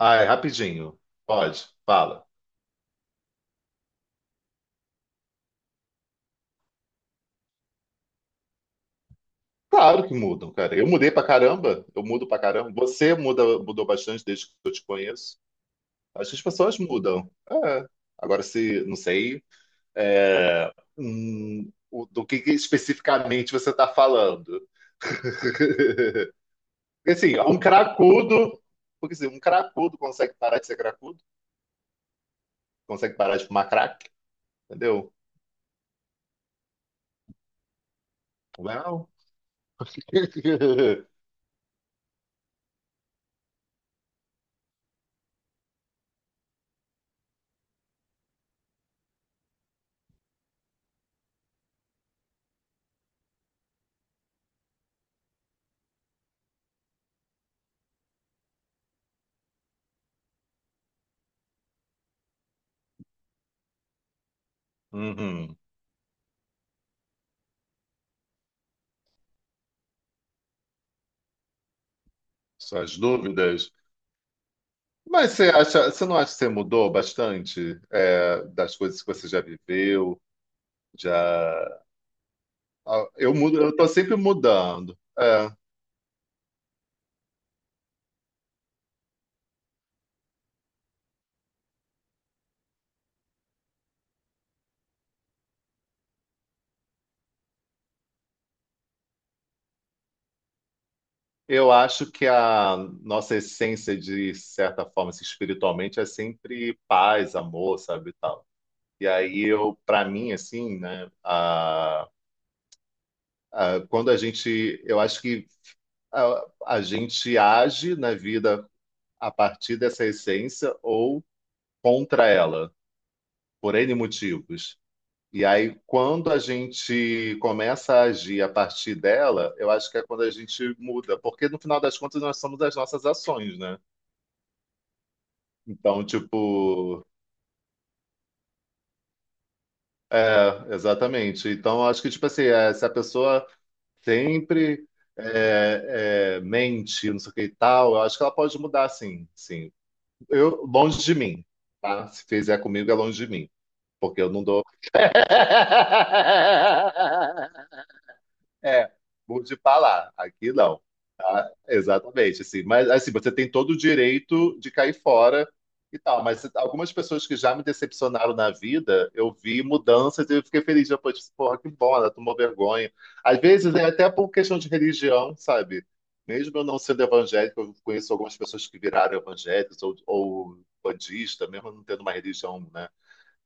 Ai, rapidinho. Pode, fala. Claro que mudam, cara. Eu mudei pra caramba. Eu mudo pra caramba. Você muda, mudou bastante desde que eu te conheço. Acho que as pessoas mudam. É. Agora, se, não sei, é, do que especificamente você está falando. Assim, um cracudo, porque assim, um cracudo consegue parar de ser cracudo, consegue parar de fumar crack, entendeu? Well. Uhum. Suas dúvidas? Mas você acha, você não acha que você mudou bastante, é, das coisas que você já viveu, já... Ah, eu mudo, eu tô sempre mudando. É, eu acho que a nossa essência, de certa forma, assim, espiritualmente, é sempre paz, amor, sabe, e tal. E aí eu, para mim, assim, né, quando a gente, eu acho que a, a gente age na vida a partir dessa essência ou contra ela, por N motivos. E aí, quando a gente começa a agir a partir dela, eu acho que é quando a gente muda, porque no final das contas nós somos as nossas ações, né? Então, tipo, é, exatamente. Então, eu acho que, tipo assim, é, se a pessoa sempre mente, não sei o que e tal, eu acho que ela pode mudar, sim, sim. Eu, longe de mim, tá? Se fizer comigo, é longe de mim, porque eu não dou. É, mude pra lá. Aqui não. Tá? Exatamente, assim. Mas assim, você tem todo o direito de cair fora e tal. Mas algumas pessoas que já me decepcionaram na vida, eu vi mudanças e eu fiquei feliz depois. Disse, porra, que bom, ela tomou vergonha. Às vezes é até por questão de religião, sabe? Mesmo eu não sendo evangélico, eu conheço algumas pessoas que viraram evangélicos ou budista, mesmo não tendo uma religião, né?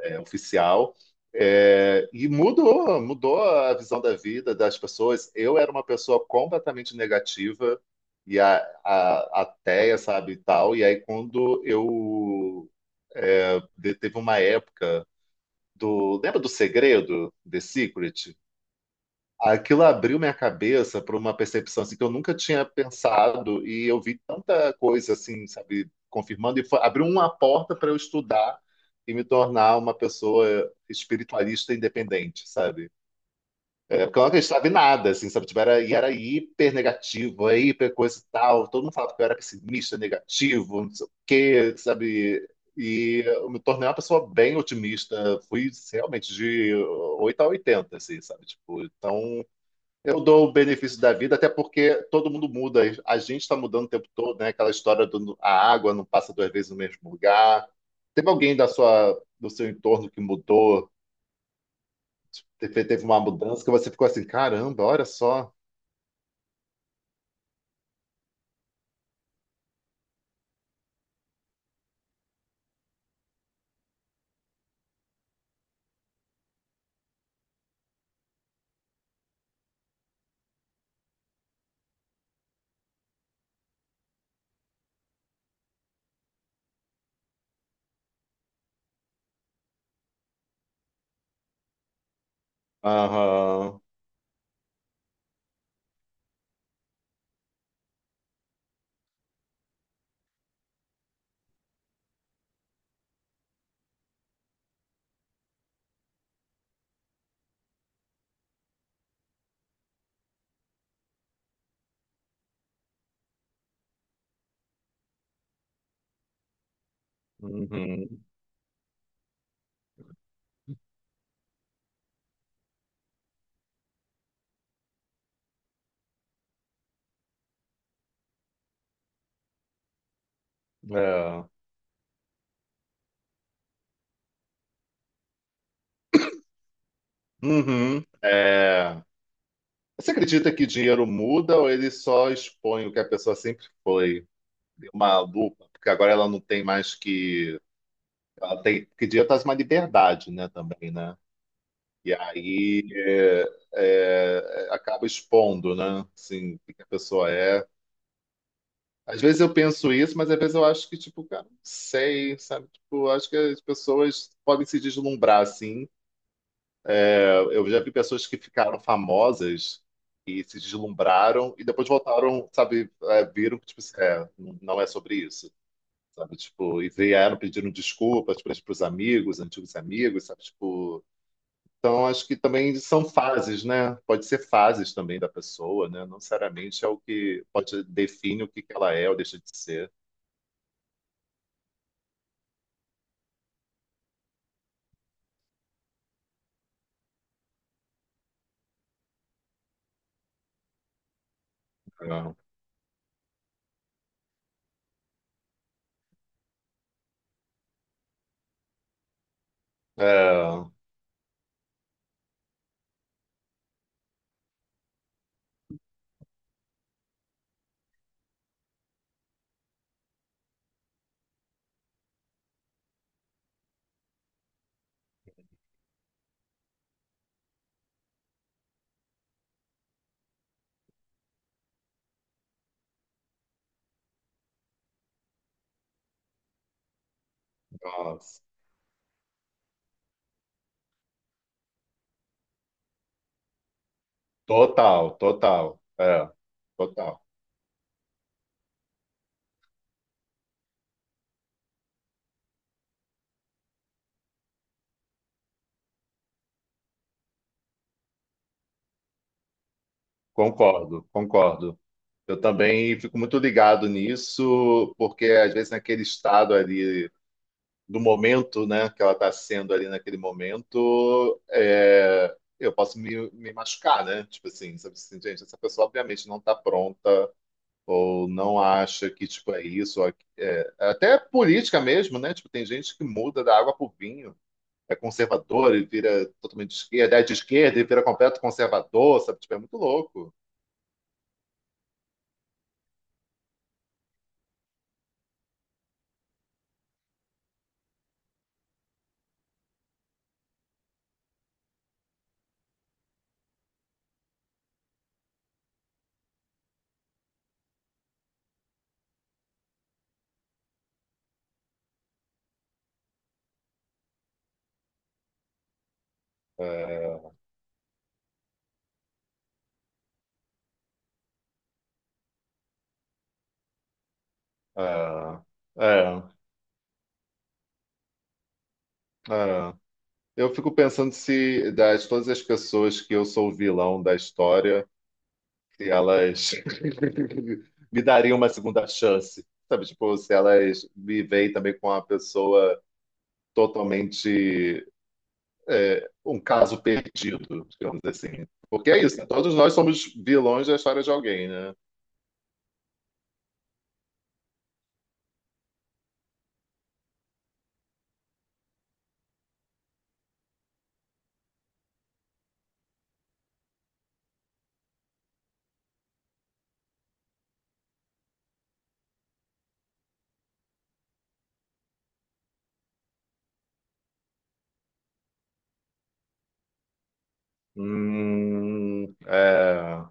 É, oficial. É, e mudou, mudou a visão da vida das pessoas. Eu era uma pessoa completamente negativa e ateia, sabe, e tal. E aí quando eu teve uma época do, lembra do Segredo, The Secret? Aquilo abriu minha cabeça para uma percepção assim, que eu nunca tinha pensado e eu vi tanta coisa assim, sabe, confirmando e abriu uma porta para eu estudar e me tornar uma pessoa espiritualista independente, sabe? É, porque eu não acreditava em nada, assim, sabe? Tipo, era, e era hiper negativo, é hiper coisa e tal. Todo mundo falava que eu era pessimista, negativo, não sei o quê, sabe? E eu me tornei uma pessoa bem otimista. Fui realmente de 8 a 80, assim, sabe? Tipo, então eu dou o benefício da vida, até porque todo mundo muda. A gente está mudando o tempo todo, né? Aquela história do a água não passa duas vezes no mesmo lugar. Teve alguém da sua, do seu entorno que mudou, teve, teve uma mudança que você ficou assim, caramba, olha só. Aham. Uhum. É. Uhum. É. Você acredita que dinheiro muda ou ele só expõe o que a pessoa sempre foi? Deu uma lupa, porque agora ela não tem mais que. Ela tem, porque dinheiro traz uma liberdade, né, também, né? E aí acaba expondo, né? Assim, o que que a pessoa é. Às vezes eu penso isso, mas às vezes eu acho que, tipo, cara, não sei, sabe? Tipo, eu acho que as pessoas podem se deslumbrar, assim. É, eu já vi pessoas que ficaram famosas e se deslumbraram e depois voltaram, sabe, é, viram que, tipo, assim, é, não é sobre isso, sabe? Tipo, e vieram pedindo desculpas para os amigos, antigos amigos, sabe? Tipo, então, acho que também são fases, né? Pode ser fases também da pessoa, né? Não necessariamente é o que pode define o que que ela é ou deixa de ser. É, é, nossa. Total, total, é, total. Concordo, concordo. Eu também fico muito ligado nisso, porque às vezes naquele estado ali do momento, né, que ela está sendo ali naquele momento, é, eu posso me machucar, né? Tipo assim, sabe assim, gente, essa pessoa obviamente não está pronta ou não acha que tipo é isso, é, até é política mesmo, né? Tipo, tem gente que muda da água pro vinho, é conservador e vira totalmente de esquerda, é de esquerda e vira completo conservador, sabe? Tipo, é muito louco. É, é, é. É. Eu fico pensando se das todas as pessoas que eu sou o vilão da história, se elas me dariam uma segunda chance, sabe? Tipo, se elas me veem também com uma pessoa totalmente é, um caso perdido, digamos assim. Porque é isso, né? Todos nós somos vilões da história de alguém, né? É,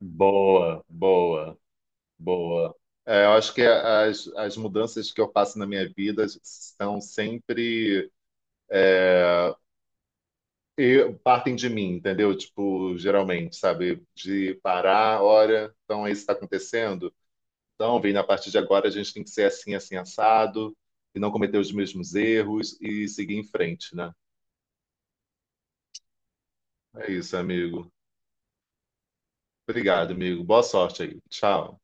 boa, boa, boa. É, eu acho que as mudanças que eu faço na minha vida são sempre é, e partem de mim, entendeu? Tipo, geralmente, sabe? De parar, olha, então é isso está acontecendo. Então, Vini, a partir de agora a gente tem que ser assim, assim, assado, e não cometer os mesmos erros e seguir em frente, né? É isso, amigo. Obrigado, amigo. Boa sorte aí. Tchau.